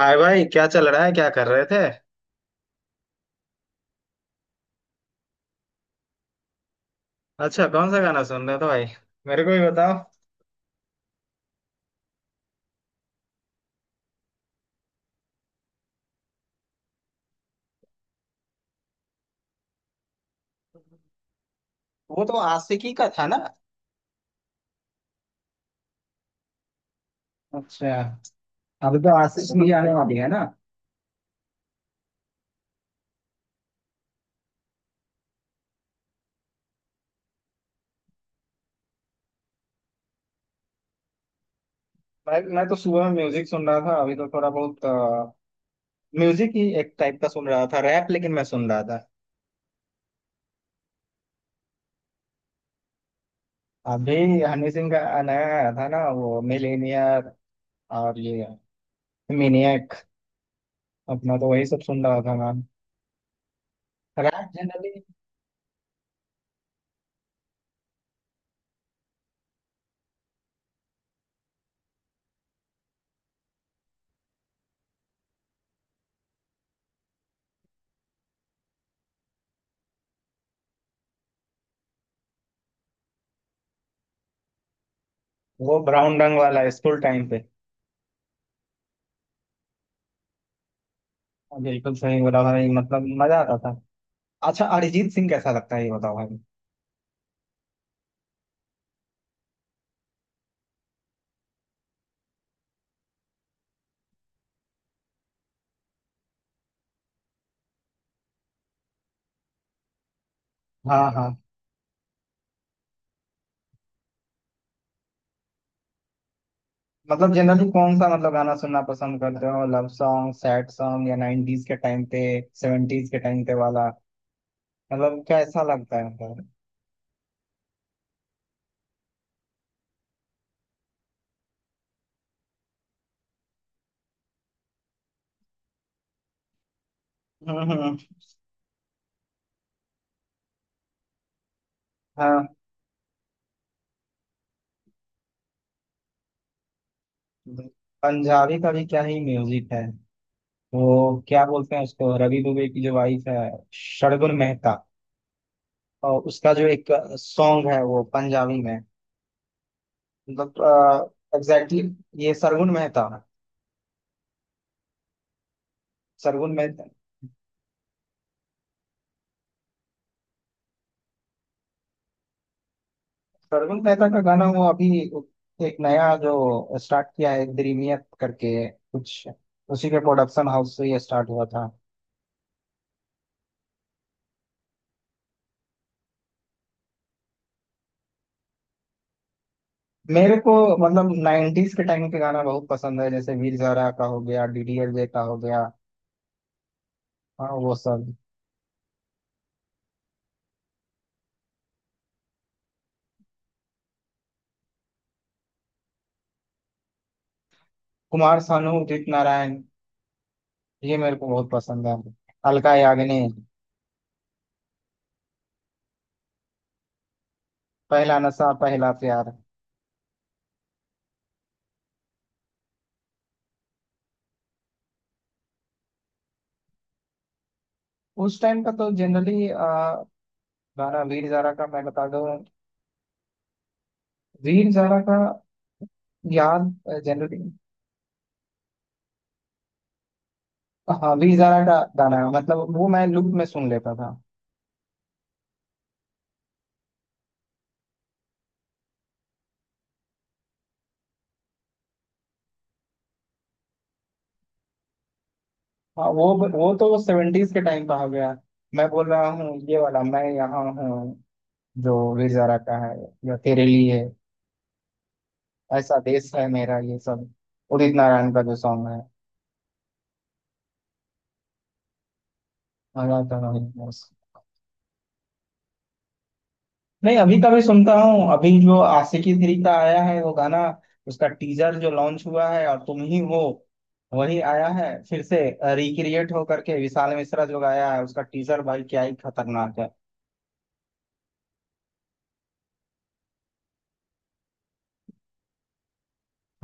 हाय भाई, क्या चल रहा है? क्या कर रहे थे? अच्छा, कौन सा गाना सुन रहे थे भाई? मेरे को भी बताओ। वो तो आशिकी का था ना। अच्छा। अभी तो आशीष की आने वाली है ना। मैं तो सुबह में म्यूजिक सुन रहा था। अभी तो थोड़ा बहुत म्यूजिक ही एक टाइप का सुन रहा था, रैप लेकिन मैं सुन रहा था। अभी हनी सिंह का नया आया था ना, वो मिलेनियर और ये मिनियक। अपना तो वही सब सुन रहा था मैम। Rap generally. वो ब्राउन रंग वाला स्कूल टाइम पे। हाँ, बिल्कुल सही बोला भाई, मतलब मजा आता था। अच्छा, अरिजीत सिंह कैसा लगता है ये बताओ भाई। हाँ हाँ। मतलब जनरली कौन सा, मतलब गाना सुनना पसंद करते हो? लव सॉन्ग, सैड सॉन्ग या 90s के टाइम पे, 70s के टाइम पे वाला, मतलब कैसा लगता है मतलब? हम्म हम्म, हाँ। पंजाबी का भी क्या ही म्यूजिक है। वो क्या बोलते हैं उसको, रवि दुबे की जो वाइफ है, शर्गुन मेहता। और उसका जो एक सॉन्ग है वो पंजाबी में, मतलब। एग्जैक्टली ये सरगुन मेहता। सरगुन मेहता। सरगुल मेहता का गाना वो अभी, एक नया जो स्टार्ट किया है दिलमियत करके कुछ, उसी के प्रोडक्शन हाउस से ये स्टार्ट हुआ था। मेरे को मतलब 90s के टाइम के गाना बहुत पसंद है, जैसे वीर ज़ारा का हो गया, डीडीएलजे का हो गया। हाँ वो सब। कुमार सानू, उदित नारायण, ये मेरे को बहुत पसंद है। अलका याग्निक। पहला नशा पहला प्यार। उस टाइम का तो जनरली गाना वीर ज़ारा का मैं बता दूं, वीर ज़ारा का, याद, जनरली। हाँ वी जारा का गाना है, मतलब वो मैं लूप में सुन लेता था। हाँ। वो तो सेवेंटीज के टाइम का हो गया। मैं बोल रहा हूँ ये वाला, मैं यहाँ हूँ, जो वी जारा का है, या तेरे लिए, ऐसा देश है मेरा, ये सब उदित नारायण का जो सॉन्ग है। मजा तो नहीं बस। नहीं, अभी का भी सुनता हूँ। अभी जो आशिकी थ्री का आया है वो गाना, उसका टीजर जो लॉन्च हुआ है, और तुम ही हो वही आया है फिर से रिक्रिएट हो करके। विशाल मिश्रा जो गाया है, उसका टीजर भाई क्या ही खतरनाक है।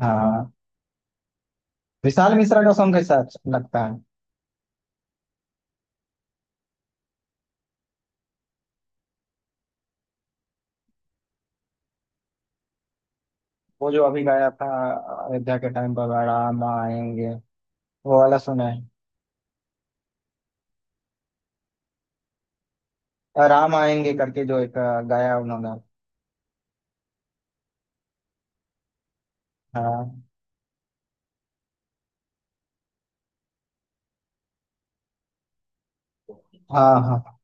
हाँ। विशाल मिश्रा का सॉन्ग कैसा अच्छा लगता है। वो जो अभी गाया था, अयोध्या के टाइम पर, राम आएंगे, वो वाला सुना है? राम आएंगे करके जो एक गाया उन्होंने। हाँ हाँ हाँ।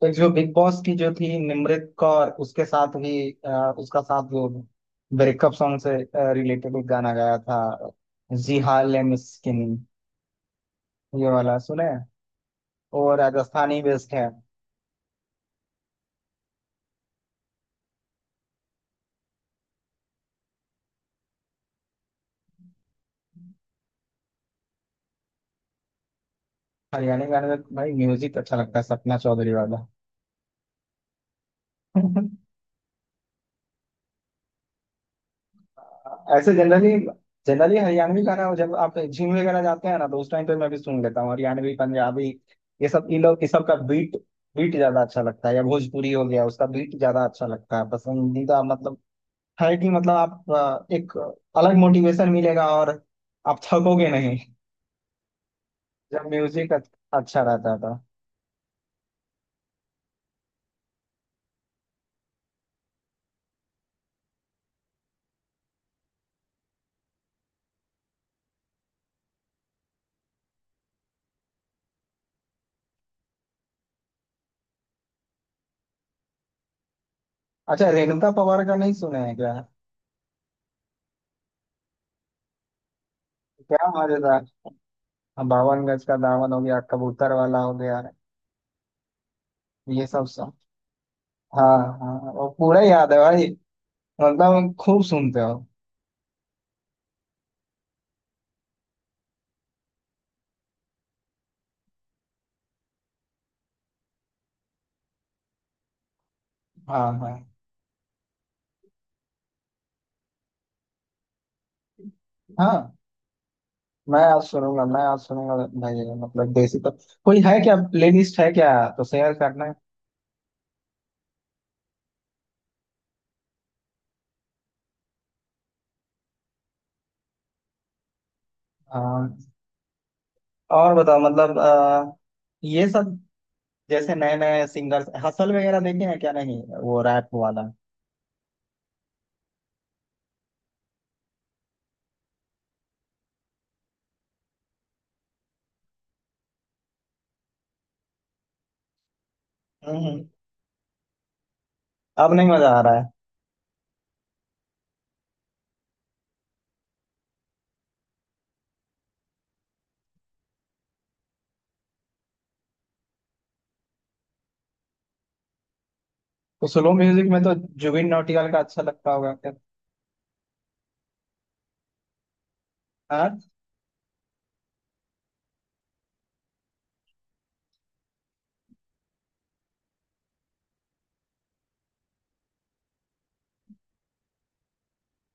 तो जो बिग बॉस की जो थी निमृत कौर, उसके साथ भी उसका साथ जो ब्रेकअप सॉन्ग से रिलेटेड एक गाना गाया था, जी हाल है मिस्किन, ये वाला सुने हैं? वो राजस्थानी बेस्ड है। हरियाणा गाने में भाई म्यूजिक अच्छा लगता है, सपना चौधरी वाला। ऐसे जनरली, जनरली हरियाणवी गाना जब आप जिम वगैरह जाते हैं ना, तो उस टाइम पे मैं भी सुन लेता हूँ हरियाणवी, पंजाबी, ये सब। इन लोग इस सब का बीट, बीट ज्यादा अच्छा लगता है, या भोजपुरी हो गया उसका बीट ज्यादा अच्छा लगता है, पसंदीदा मतलब। है कि मतलब आप एक अलग मोटिवेशन मिलेगा और आप थकोगे नहीं, जब म्यूजिक अच्छा रहता था। अच्छा, रेणुका पवार का नहीं सुने हैं क्या? क्या मजेदार। हाँ, बावन गज का दामन हो गया, कबूतर वाला हो गया, ये सब। हाँ हाँ हाँ, वो पूरा याद है भाई, मतलब खूब सुनते हो। हाँ हाँ हाँ, मैं आज सुनूंगा, मैं आज सुनूंगा भाई। मतलब देसी तो कोई है क्या, प्लेलिस्ट है क्या? तो शेयर करना है। हाँ। और बताओ, मतलब ये सब जैसे नए नए सिंगर्स, हसल वगैरह देखे हैं क्या? नहीं वो रैप वाला। हम्म हम्म। अब नहीं मजा आ रहा है। तो स्लो म्यूजिक में तो जुबिन नौटियाल का अच्छा लगता होगा क्या? हाँ।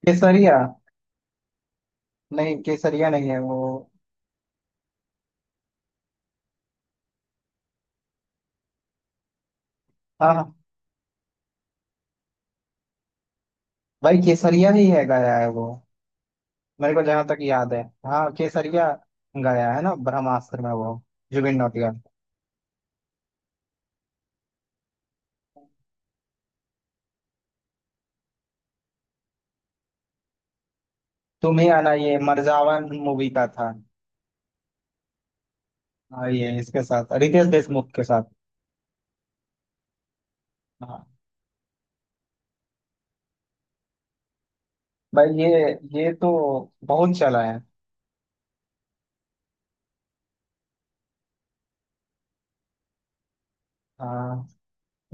केसरिया। नहीं केसरिया नहीं है वो। हाँ हाँ। भाई केसरिया ही है गाया है वो, मेरे को जहां तक याद है, हाँ केसरिया। गया है ना, ब्रह्मास्त्र में वो, जुबिन नौटियाल। तुम ही आना ये मरजावन मूवी का था। हाँ ये इसके साथ, रितेश देशमुख के साथ। हाँ। भाई ये तो बहुत चला है। हाँ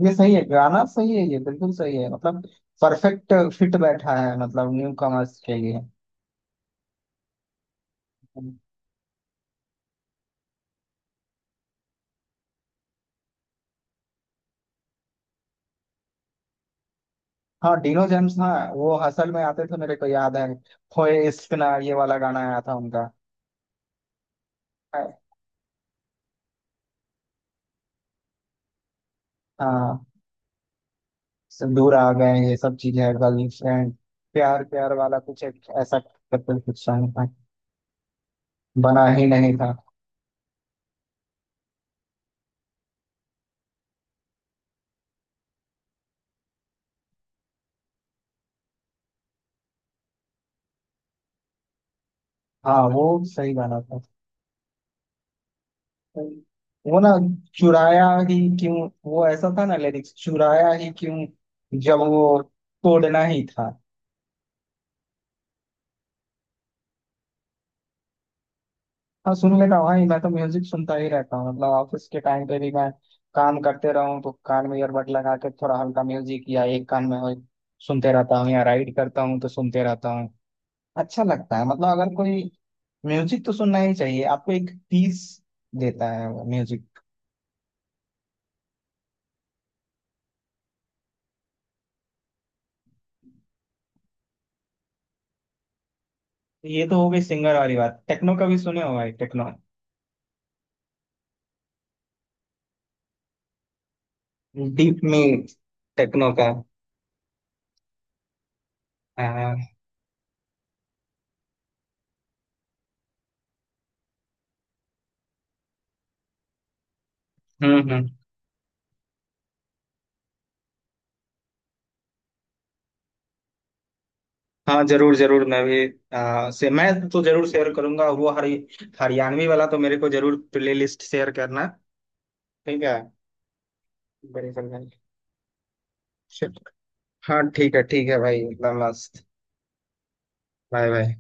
ये सही है, गाना सही है, ये बिल्कुल सही है, मतलब परफेक्ट फिट बैठा है, मतलब न्यू कमर्स के लिए। हाँ डिनो जेम्स, हाँ वो हसल में आते थे मेरे को याद है। होए इश्क ना, ये वाला गाना आया था उनका। हाँ। सब दूर आ गए, ये सब चीजें है, गर्लफ्रेंड, प्यार प्यार वाला कुछ एक ऐसा करके कुछ सॉन्ग था। बना ही नहीं था। हाँ वो सही गाना था। वो ना, चुराया ही क्यों, वो ऐसा था ना लिरिक्स, चुराया ही क्यों जब वो तोड़ना ही था। हाँ सुन लेता हूँ भाई, मैं तो म्यूजिक सुनता ही रहता हूँ, मतलब ऑफिस के टाइम पे भी मैं काम करते रहूँ तो कान में ईयरबड लगा के थोड़ा हल्का म्यूजिक या एक कान में हो, सुनते रहता हूँ, या राइड करता हूँ तो सुनते रहता हूँ। अच्छा लगता है, मतलब अगर कोई। म्यूजिक तो सुनना ही चाहिए आपको, एक पीस देता है वो म्यूजिक। ये तो हो गई सिंगर वाली बात, टेक्नो का भी सुने हो भाई, टेक्नो डीप में टेक्नो का। आ, हम्म हम्म हाँ जरूर जरूर। मैं भी से मैं तो जरूर शेयर करूंगा वो हरि, हरियाणवी वाला तो मेरे को जरूर प्ले लिस्ट शेयर करना। ठीक है। बड़ी सर भाई। हाँ ठीक है, ठीक है भाई, इतना मस्त। Bye bye.